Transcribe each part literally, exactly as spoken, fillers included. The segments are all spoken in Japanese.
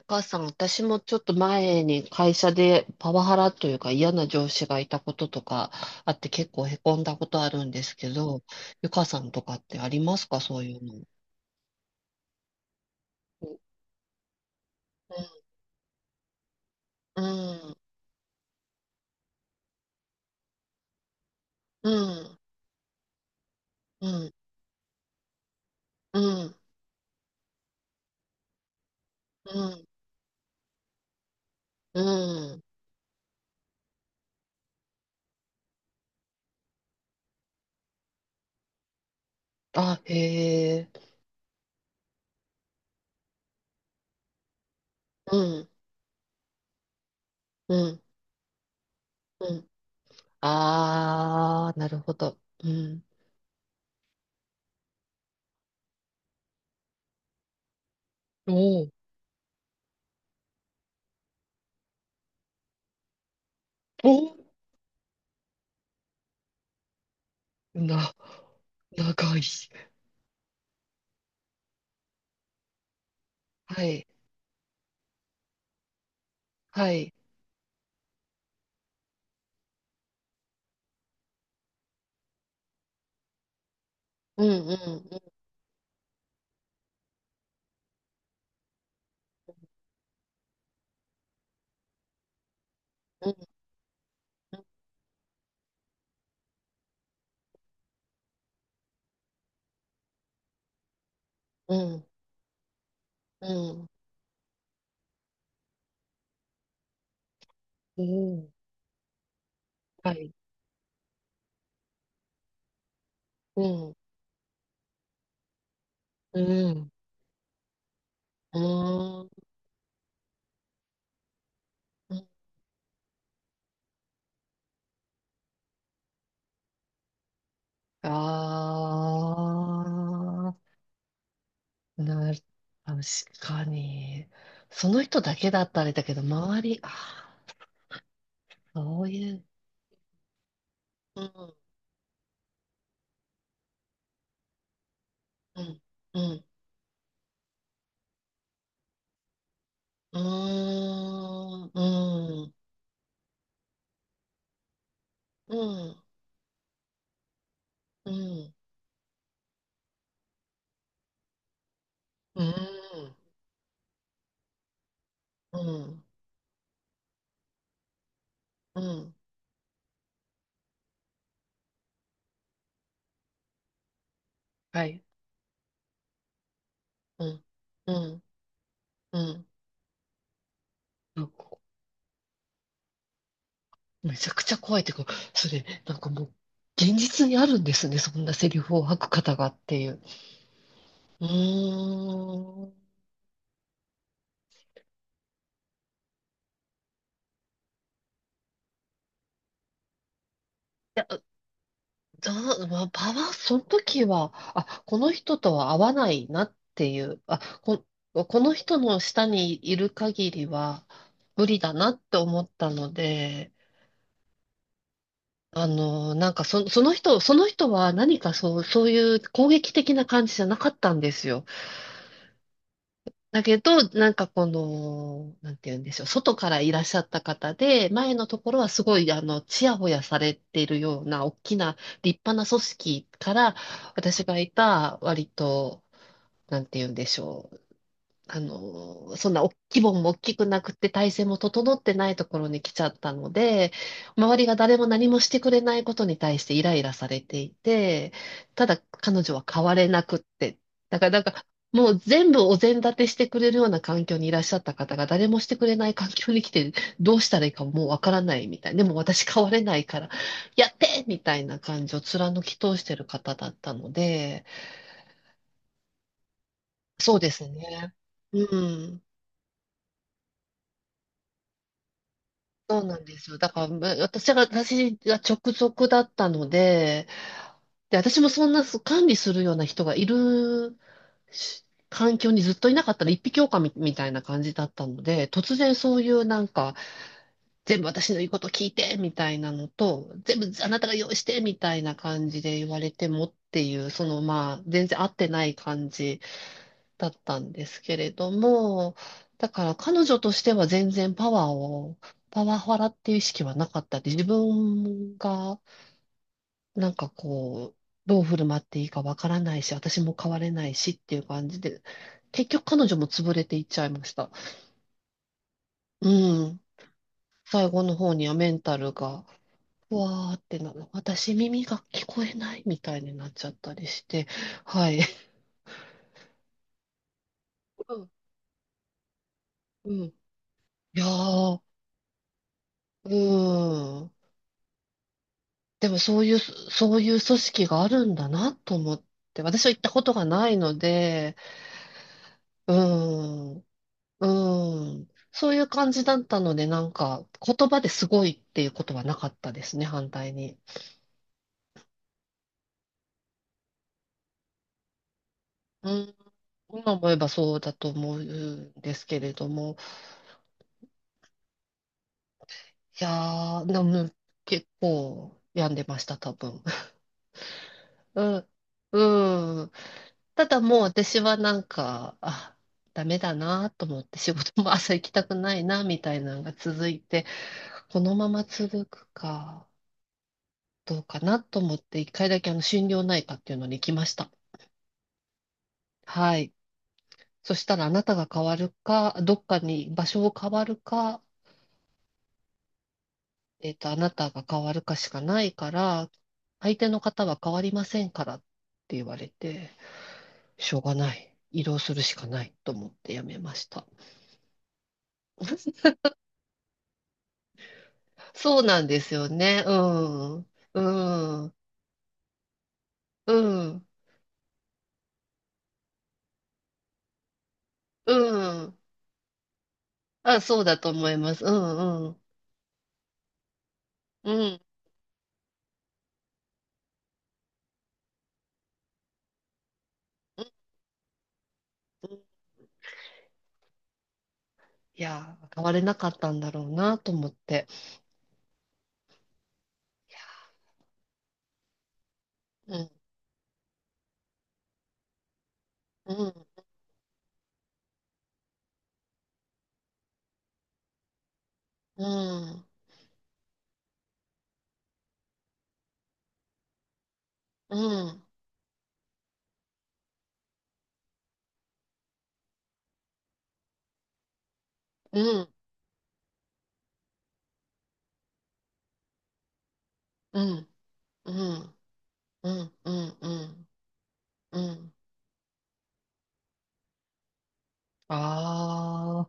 お母さん、私もちょっと前に会社でパワハラというか嫌な上司がいたこととかあって結構へこんだことあるんですけど、ゆかさんとかってありますかそういうの。うん、うん、うん、うん、うん、うん。あ、へえ。うん、うん、うん。あー、なるほど。うん。おー、おー、な、長い。はい、はい。うん、うん、うん、うん、うん。うん。うん。はい。うん。うん。うん。ああ、なる、確かに。その人だけだったらあれだけど、周り、ああ、そういう。うん。うん。うん。うーん。うん。うん。うん。うん。うん。うん。はい。うん。うん。うん。めちゃくちゃ怖いっていうか、それ、なんかもう、現実にあるんですね、そんなセリフを吐く方がっていう。うーん。いや、だ、まあ、ばば、その時は、あ、この人とは合わないなっていう、あ、こ、この人の下にいる限りは無理だなって思ったので、あの、なんかそ、その人、その人は何かそう、そういう攻撃的な感じじゃなかったんですよ。だけど、なんかこの、なんて言うんでしょう、外からいらっしゃった方で、前のところはすごい、あの、ちやほやされているような、大きな、立派な組織から、私がいた、割と、なんて言うんでしょう、あの、そんなお規模も大きくなくて体制も整ってないところに来ちゃったので、周りが誰も何もしてくれないことに対してイライラされていて、ただ彼女は変われなくって、だからなんかもう全部お膳立てしてくれるような環境にいらっしゃった方が誰もしてくれない環境に来てどうしたらいいかもうわからないみたいな。でも私変われないからやってみたいな感じを貫き通してる方だったので、そうですね。うん。そうなんですよ。だから、む私が、私が直属だったので、で、私もそんなそう管理するような人がいるし環境にずっといなかったら一匹狼みみたいな感じだったので、突然そういうなんか、全部私の言うこと聞いてみたいなのと、全部あなたが用意してみたいな感じで言われてもっていう、そのまあ、全然合ってない感じ。だったんですけれども、だから彼女としては全然パワーを、パワハラっていう意識はなかったで、自分がなんかこう、どう振る舞っていいかわからないし、私も変われないしっていう感じで、結局彼女も潰れていっちゃいました。うん。最後の方にはメンタルが、うわーってなる、私耳が聞こえないみたいになっちゃったりして、はい。うん。うんいやー、うん。でもそういう、そういう組織があるんだなと思って、私は行ったことがないので、うん、うん、そういう感じだったので、なんか言葉ですごいっていうことはなかったですね、反対に。うん、今思えばそうだと思うんですけれども、いやー、でも結構病んでました、多分。うん、うん。ただもう私はなんか、あ、ダメだなと思って仕事も朝行きたくないなみたいなのが続いて、このまま続くかどうかなと思って一回だけあの心療内科っていうのに行きました。はい。そしたらあなたが変わるか、どっかに場所を変わるか、えっと、あなたが変わるかしかないから、相手の方は変わりませんからって言われて、しょうがない。移動するしかないと思ってやめました。そうなんですよね。うん。うん。うん。うん。あ、そうだと思います。うん。うん。うん。うんいやー、変われなかったんだろうなと思って。いやーうん。うん。うん。うん。うん。うん。うん。うん。うん。うん。ああ。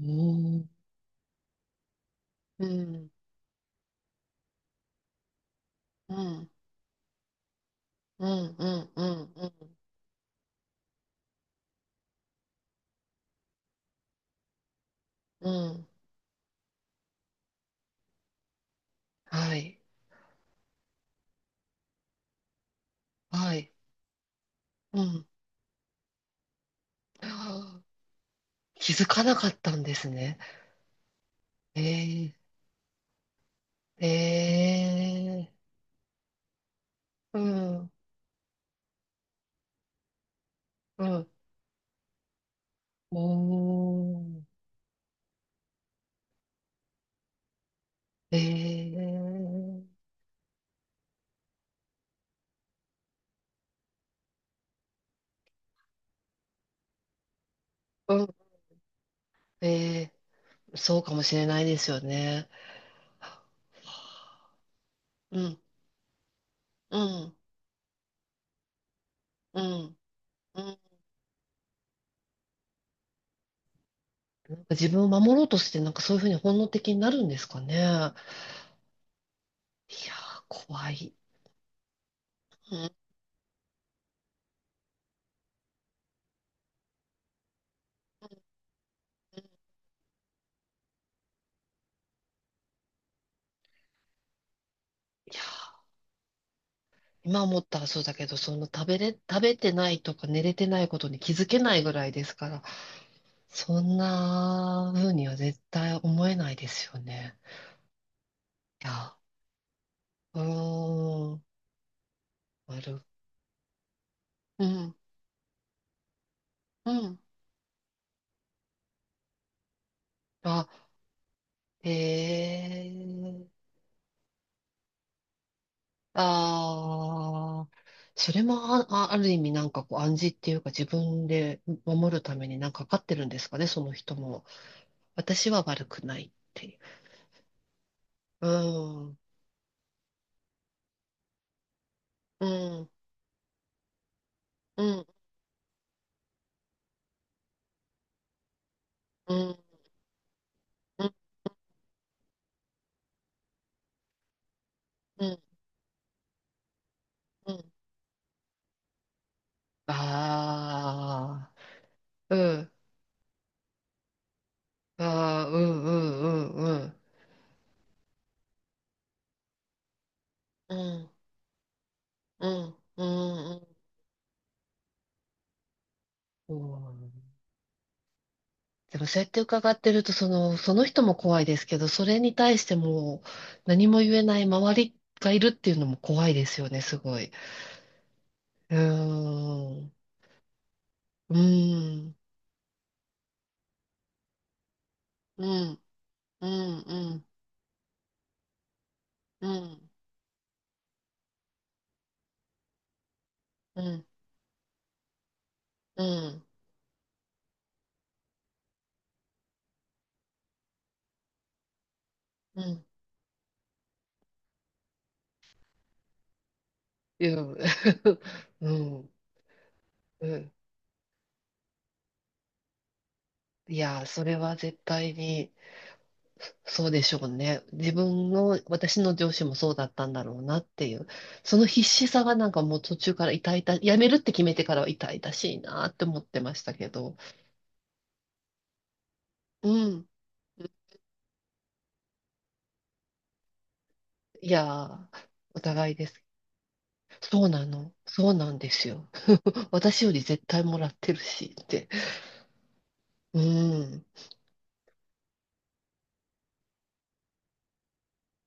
うん。うん。うん。うん。うん。うん。うん。はい。はい。うん。気づかなかったんですね。ええ、ええ、うん、うん、おー、ええ、うん、ええ、そうかもしれないですよね。うん、うん、うん、うん。なんか自分を守ろうとして、なんかそういうふうに本能的になるんですかね。いやー、怖い。うん、いやー、今思ったらそうだけど、その食べれ、食べてないとか寝れてないことに気づけないぐらいですから。そんな風には絶対思えないですよね。いや、うーん、なる、うん、うん。あ、ええああー、それもあ、あある意味なんかこう暗示っていうか自分で守るためになんかかかってるんですかね、その人も。私は悪くないっていう。うん、うん、うん、うん、うん、うん、うん。ああ、うん、ああ、うん、うん、うん、うん。うん、うん、うん、うん。うんでもそうやって伺ってると、その、その人も怖いですけど、それに対してもう何も言えない周りがいるっていうのも怖いですよね、すごい。うーん。うーん。うん、うん、うん、うん、うん、うん、うん。うん。うん。うんいや、それは絶対に。そうでしょうね。自分の、私の上司もそうだったんだろうなっていう。その必死さがなんかもう途中から痛々、やめるって決めてからは痛々しいなって思ってましたけど。うん。いやー、お互いです。そうなの。そうなんですよ。私より絶対もらってるしって。うん。